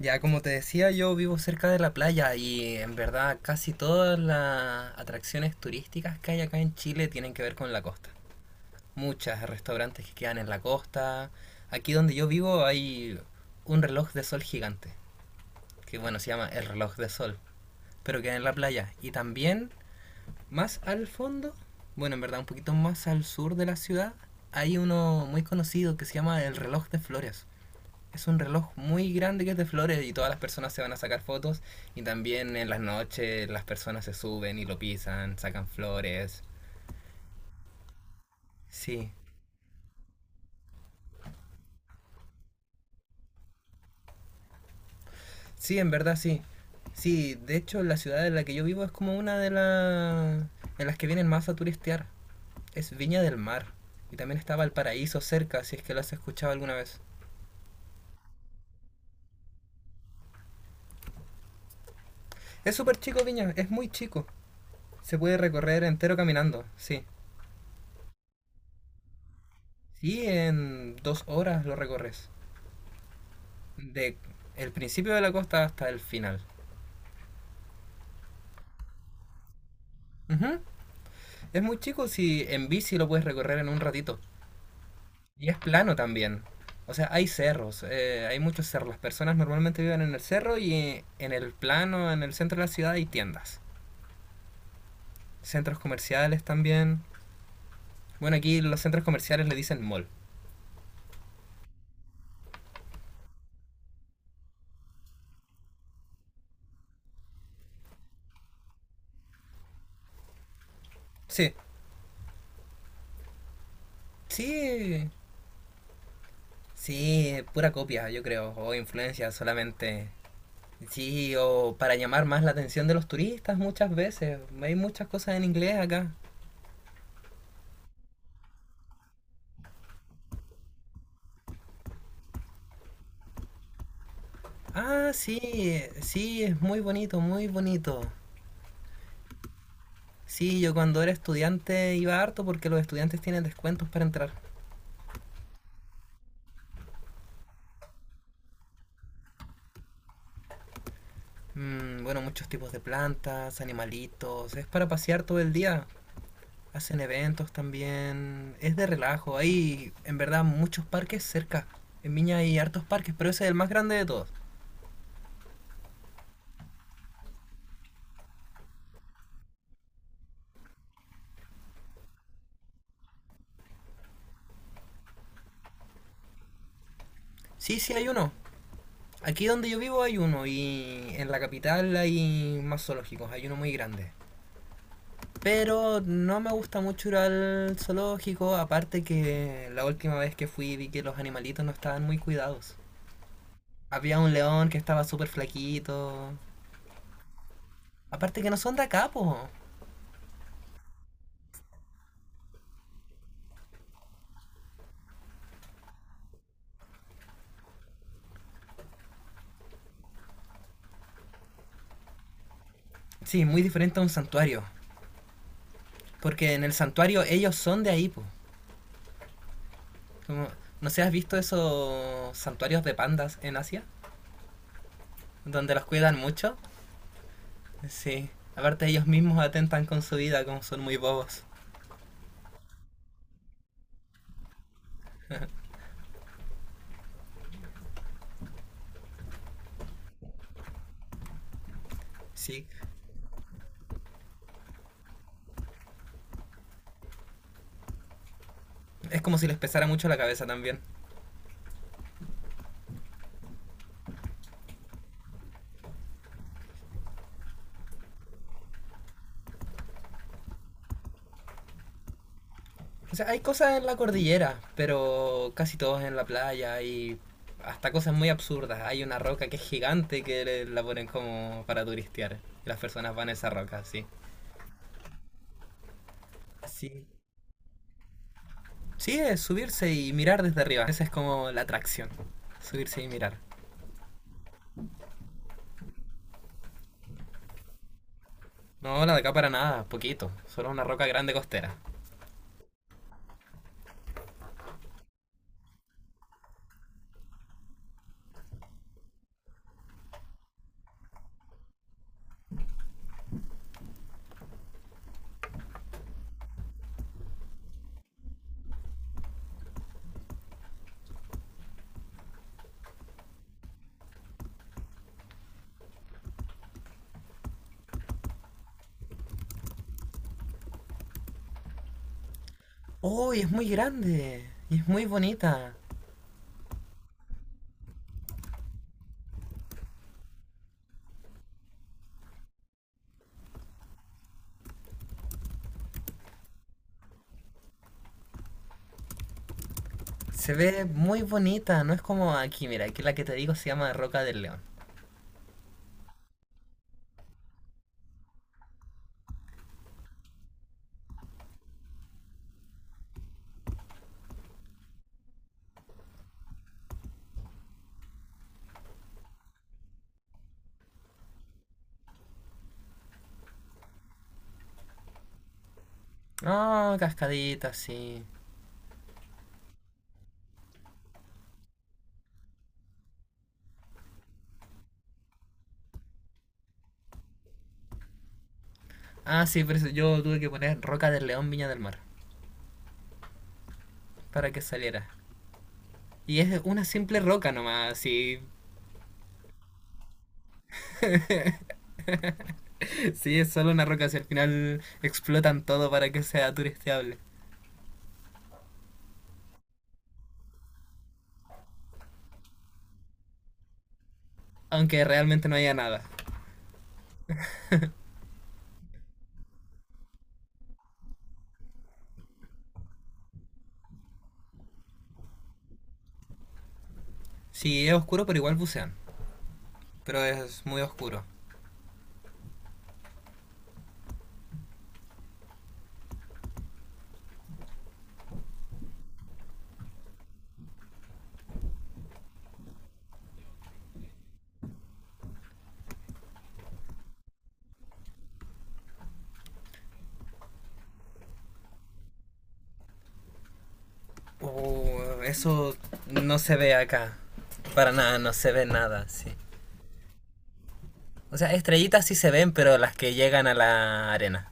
Ya, como te decía, yo vivo cerca de la playa y en verdad casi todas las atracciones turísticas que hay acá en Chile tienen que ver con la costa. Muchas restaurantes que quedan en la costa. Aquí donde yo vivo hay un reloj de sol gigante, que bueno, se llama el reloj de sol, pero queda en la playa. Y también más al fondo, bueno, en verdad un poquito más al sur de la ciudad, hay uno muy conocido que se llama el reloj de flores. Es un reloj muy grande que es de flores y todas las personas se van a sacar fotos y también en las noches las personas se suben y lo pisan, sacan flores. Sí, sí, en verdad sí. Sí, de hecho la ciudad en la que yo vivo es como una de las en las que vienen más a turistear. Es Viña del Mar. Y también estaba el paraíso cerca, si es que lo has escuchado alguna vez. Es súper chico Viña, es muy chico. Se puede recorrer entero caminando, sí. Sí, en 2 horas lo recorres. De el principio de la costa hasta el final. Ujú. Es muy chico, si en bici lo puedes recorrer en un ratito. Y es plano también. O sea, hay cerros, hay muchos cerros. Las personas normalmente viven en el cerro y en el plano, en el centro de la ciudad hay tiendas. Centros comerciales también. Bueno, aquí los centros comerciales le dicen mall. Sí, sí, sí, pura copia, yo creo. O influencia solamente. Sí, o para llamar más la atención de los turistas muchas veces. Hay muchas cosas en inglés acá. Ah, sí, sí, es muy bonito, muy bonito. Sí, yo cuando era estudiante iba harto porque los estudiantes tienen descuentos para entrar. Mm, bueno, muchos tipos de plantas, animalitos, es para pasear todo el día. Hacen eventos también, es de relajo. Hay en verdad muchos parques cerca. En Viña hay hartos parques, pero ese es el más grande de todos. Sí, sí, hay uno. Aquí donde yo vivo hay uno y en la capital hay más zoológicos, hay uno muy grande. Pero no me gusta mucho ir al zoológico, aparte que la última vez que fui vi que los animalitos no estaban muy cuidados. Había un león que estaba súper flaquito. Aparte que no son de acá, po. Sí, muy diferente a un santuario. Porque en el santuario ellos son de ahí, po. Como- ¿No se has visto esos santuarios de pandas en Asia? Donde los cuidan mucho. Sí. Aparte ellos mismos atentan con su vida, como son muy bobos. Sí. Es como si les pesara mucho la cabeza también. O sea, hay cosas en la cordillera, pero casi todos en la playa y hasta cosas muy absurdas. Hay una roca que es gigante que la ponen como para turistear. Y las personas van a esa roca, sí. Sí. Sí, es subirse y mirar desde arriba. Esa es como la atracción. Subirse y mirar. No, la de acá para nada, poquito. Solo una roca grande costera. ¡Uy, es muy grande! Y es muy bonita. Se ve muy bonita, no es como aquí, mira, aquí la que te digo se llama Roca del León. Ah, cascadita, sí. Ah, sí, pero eso yo tuve que poner Roca del León Viña del Mar para que saliera. Y es una simple roca nomás, sí. Sí, es solo una roca, si al final explotan todo para que sea turisteable. Aunque realmente no haya nada. Sí, es oscuro, pero igual bucean. Pero es muy oscuro. Oh, eso no se ve acá. Para nada, no se ve nada, sí. O sea, estrellitas sí se ven, pero las que llegan a la arena.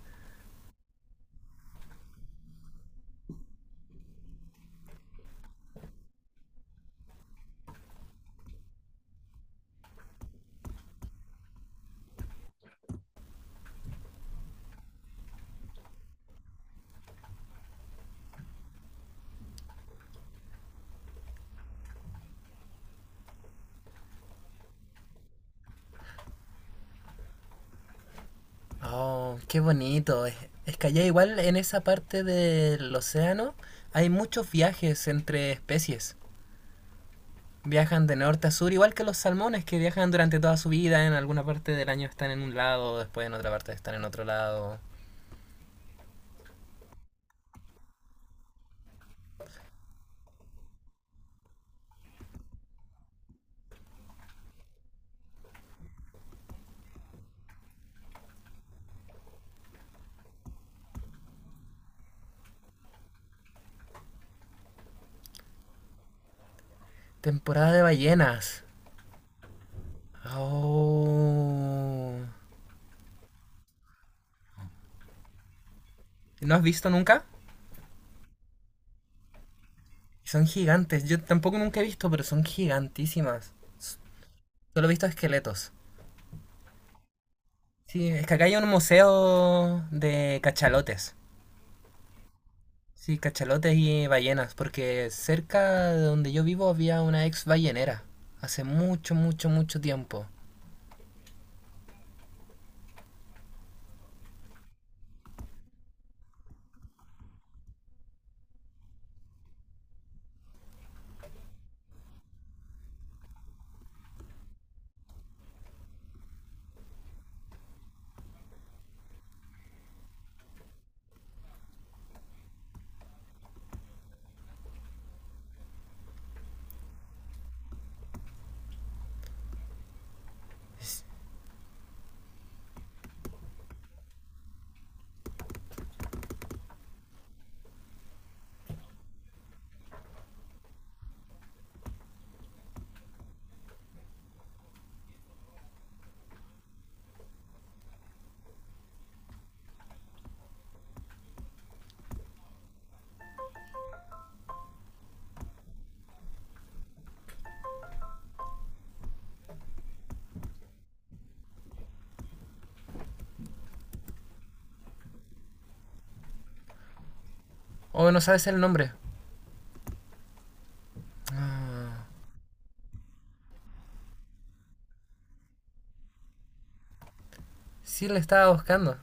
Oh, qué bonito. Es que allá igual en esa parte del océano hay muchos viajes entre especies. Viajan de norte a sur, igual que los salmones que viajan durante toda su vida. En alguna parte del año están en un lado, después en otra parte están en otro lado. Temporada de ballenas. Oh. ¿No has visto nunca? Son gigantes. Yo tampoco nunca he visto, pero son gigantísimas. Solo he visto esqueletos. Sí, es que acá hay un museo de cachalotes. Sí, cachalotes y ballenas, porque cerca de donde yo vivo había una ex ballenera. Hace mucho, mucho, mucho tiempo. O no sabes el nombre. Ah, sí, le estaba buscando.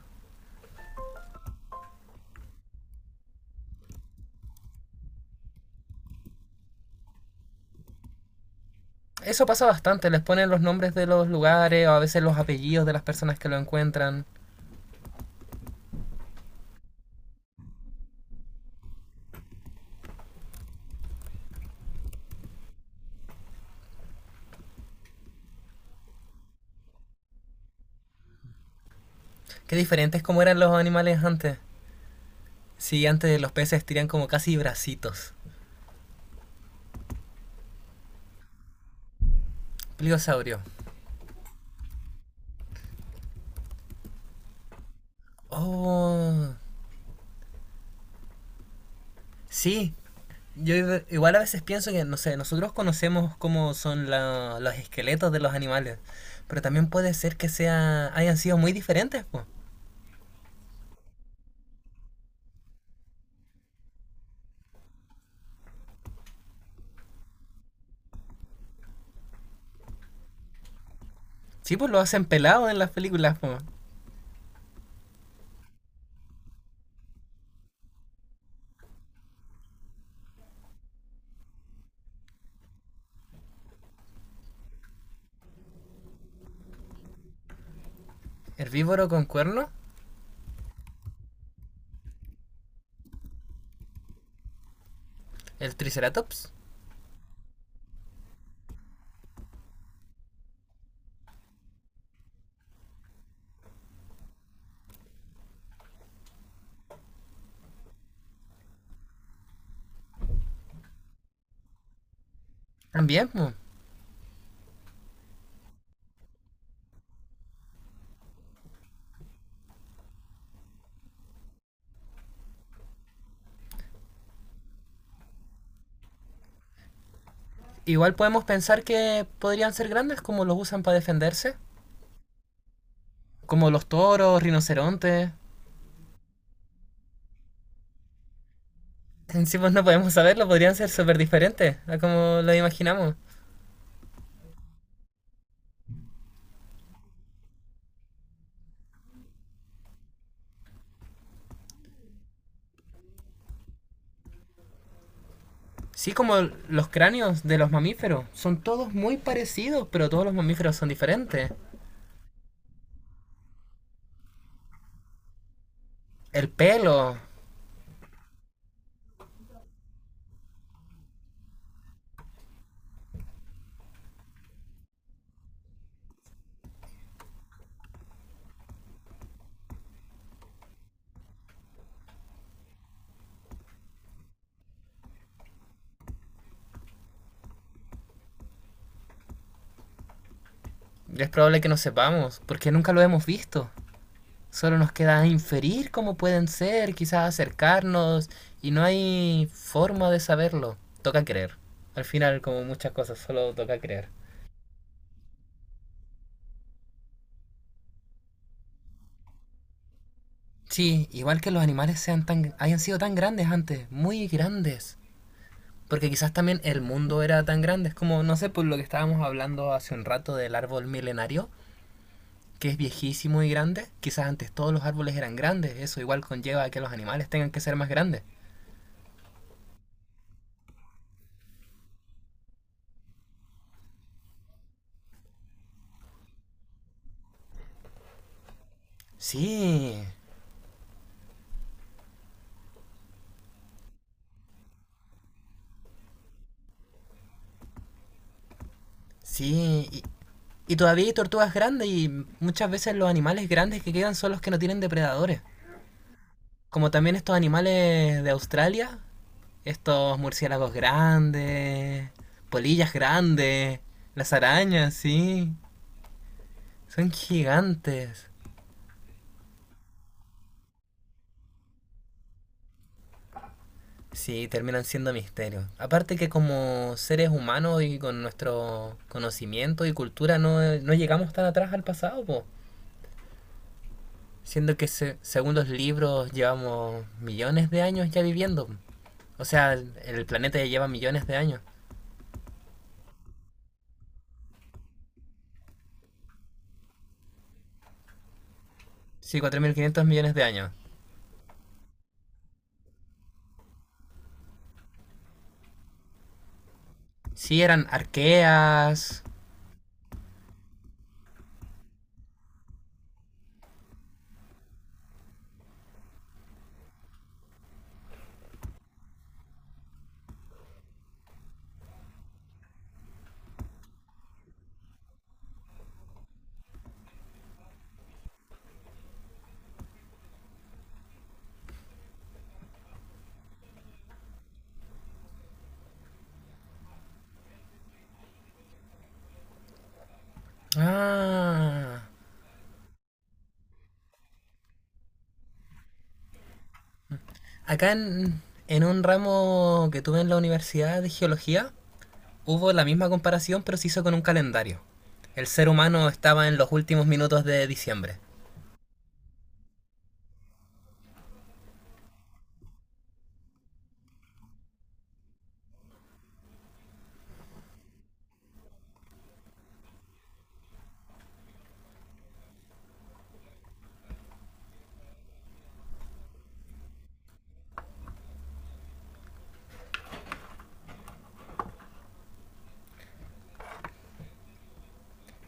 Eso pasa bastante, les ponen los nombres de los lugares o a veces los apellidos de las personas que lo encuentran. Qué diferentes como eran los animales antes. Sí, antes los peces tenían como casi bracitos. Pliosaurio. Oh, sí, yo igual a veces pienso que, no sé, nosotros conocemos cómo son los esqueletos de los animales, pero también puede ser que hayan sido muy diferentes, pues. Sí, pues lo hacen pelado en las películas, po. Herbívoro con cuerno, el triceratops, también, pues. Igual podemos pensar que podrían ser grandes como los usan para defenderse, como los toros, rinocerontes. En sí, pues no podemos saberlo, podrían ser súper diferentes a como lo imaginamos. Sí, como los cráneos de los mamíferos. Son todos muy parecidos, pero todos los mamíferos son diferentes. El pelo, es probable que no sepamos, porque nunca lo hemos visto. Solo nos queda inferir cómo pueden ser, quizás acercarnos, y no hay forma de saberlo. Toca creer. Al final, como muchas cosas, solo toca creer. Sí, igual que los animales sean tan, hayan sido tan grandes antes, muy grandes. Porque quizás también el mundo era tan grande, es como, no sé, por lo que estábamos hablando hace un rato del árbol milenario, que es viejísimo y grande, quizás antes todos los árboles eran grandes, eso igual conlleva que los animales tengan que ser más grandes. Sí, sí, y, y todavía hay tortugas grandes y muchas veces los animales grandes que quedan son los que no tienen depredadores. Como también estos animales de Australia, estos murciélagos grandes, polillas grandes, las arañas, sí, son gigantes. Sí, terminan siendo misterios. Aparte que como seres humanos y con nuestro conocimiento y cultura no, no llegamos tan atrás al pasado, po. Siendo que según los libros llevamos millones de años ya viviendo. O sea, el planeta ya lleva millones de años. Sí, 4.500 millones de años. Sí, eran arqueas. Ah, acá en un ramo que tuve en la universidad de geología, hubo la misma comparación, pero se hizo con un calendario. El ser humano estaba en los últimos minutos de diciembre.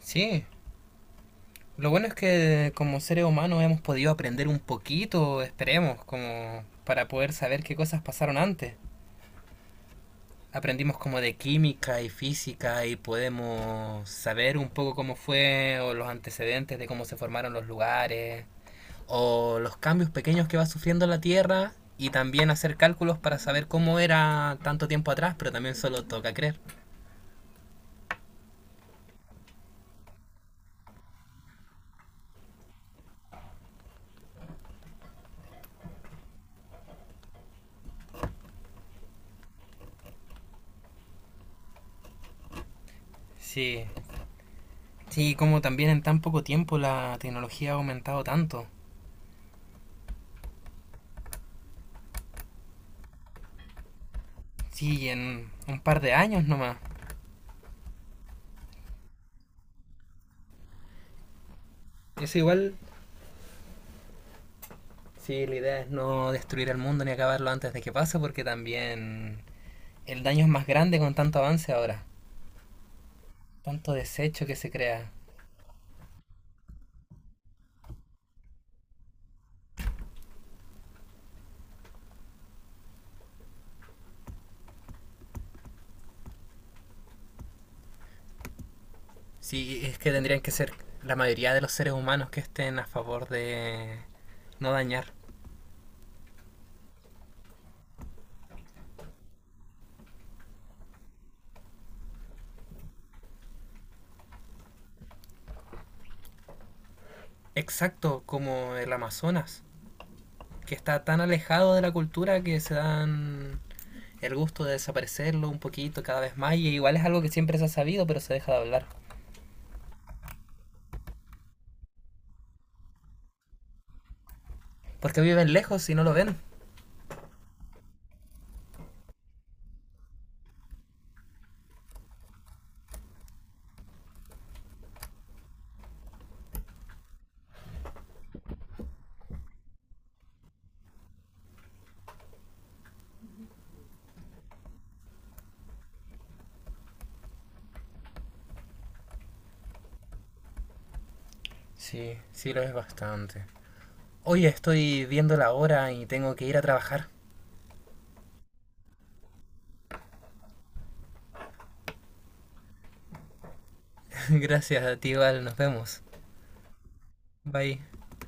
Sí, lo bueno es que como seres humanos hemos podido aprender un poquito, esperemos, como para poder saber qué cosas pasaron antes. Aprendimos como de química y física y podemos saber un poco cómo fue o los antecedentes de cómo se formaron los lugares, o los cambios pequeños que va sufriendo la Tierra y también hacer cálculos para saber cómo era tanto tiempo atrás, pero también solo toca creer. Sí, sí, como también en tan poco tiempo la tecnología ha aumentado tanto. Sí, en un par de años nomás. Eso igual, sí, la idea es no destruir el mundo ni acabarlo antes de que pase, porque también el daño es más grande con tanto avance ahora, tanto desecho que se crea. Sí, es que tendrían que ser la mayoría de los seres humanos que estén a favor de no dañar. Exacto, como el Amazonas, que está tan alejado de la cultura que se dan el gusto de desaparecerlo un poquito cada vez más y igual es algo que siempre se ha sabido pero se deja de hablar. Porque viven lejos y no lo ven. Sí, sí lo es bastante. Oye, estoy viendo la hora y tengo que ir a trabajar. Gracias a ti, Val, nos vemos. Bye.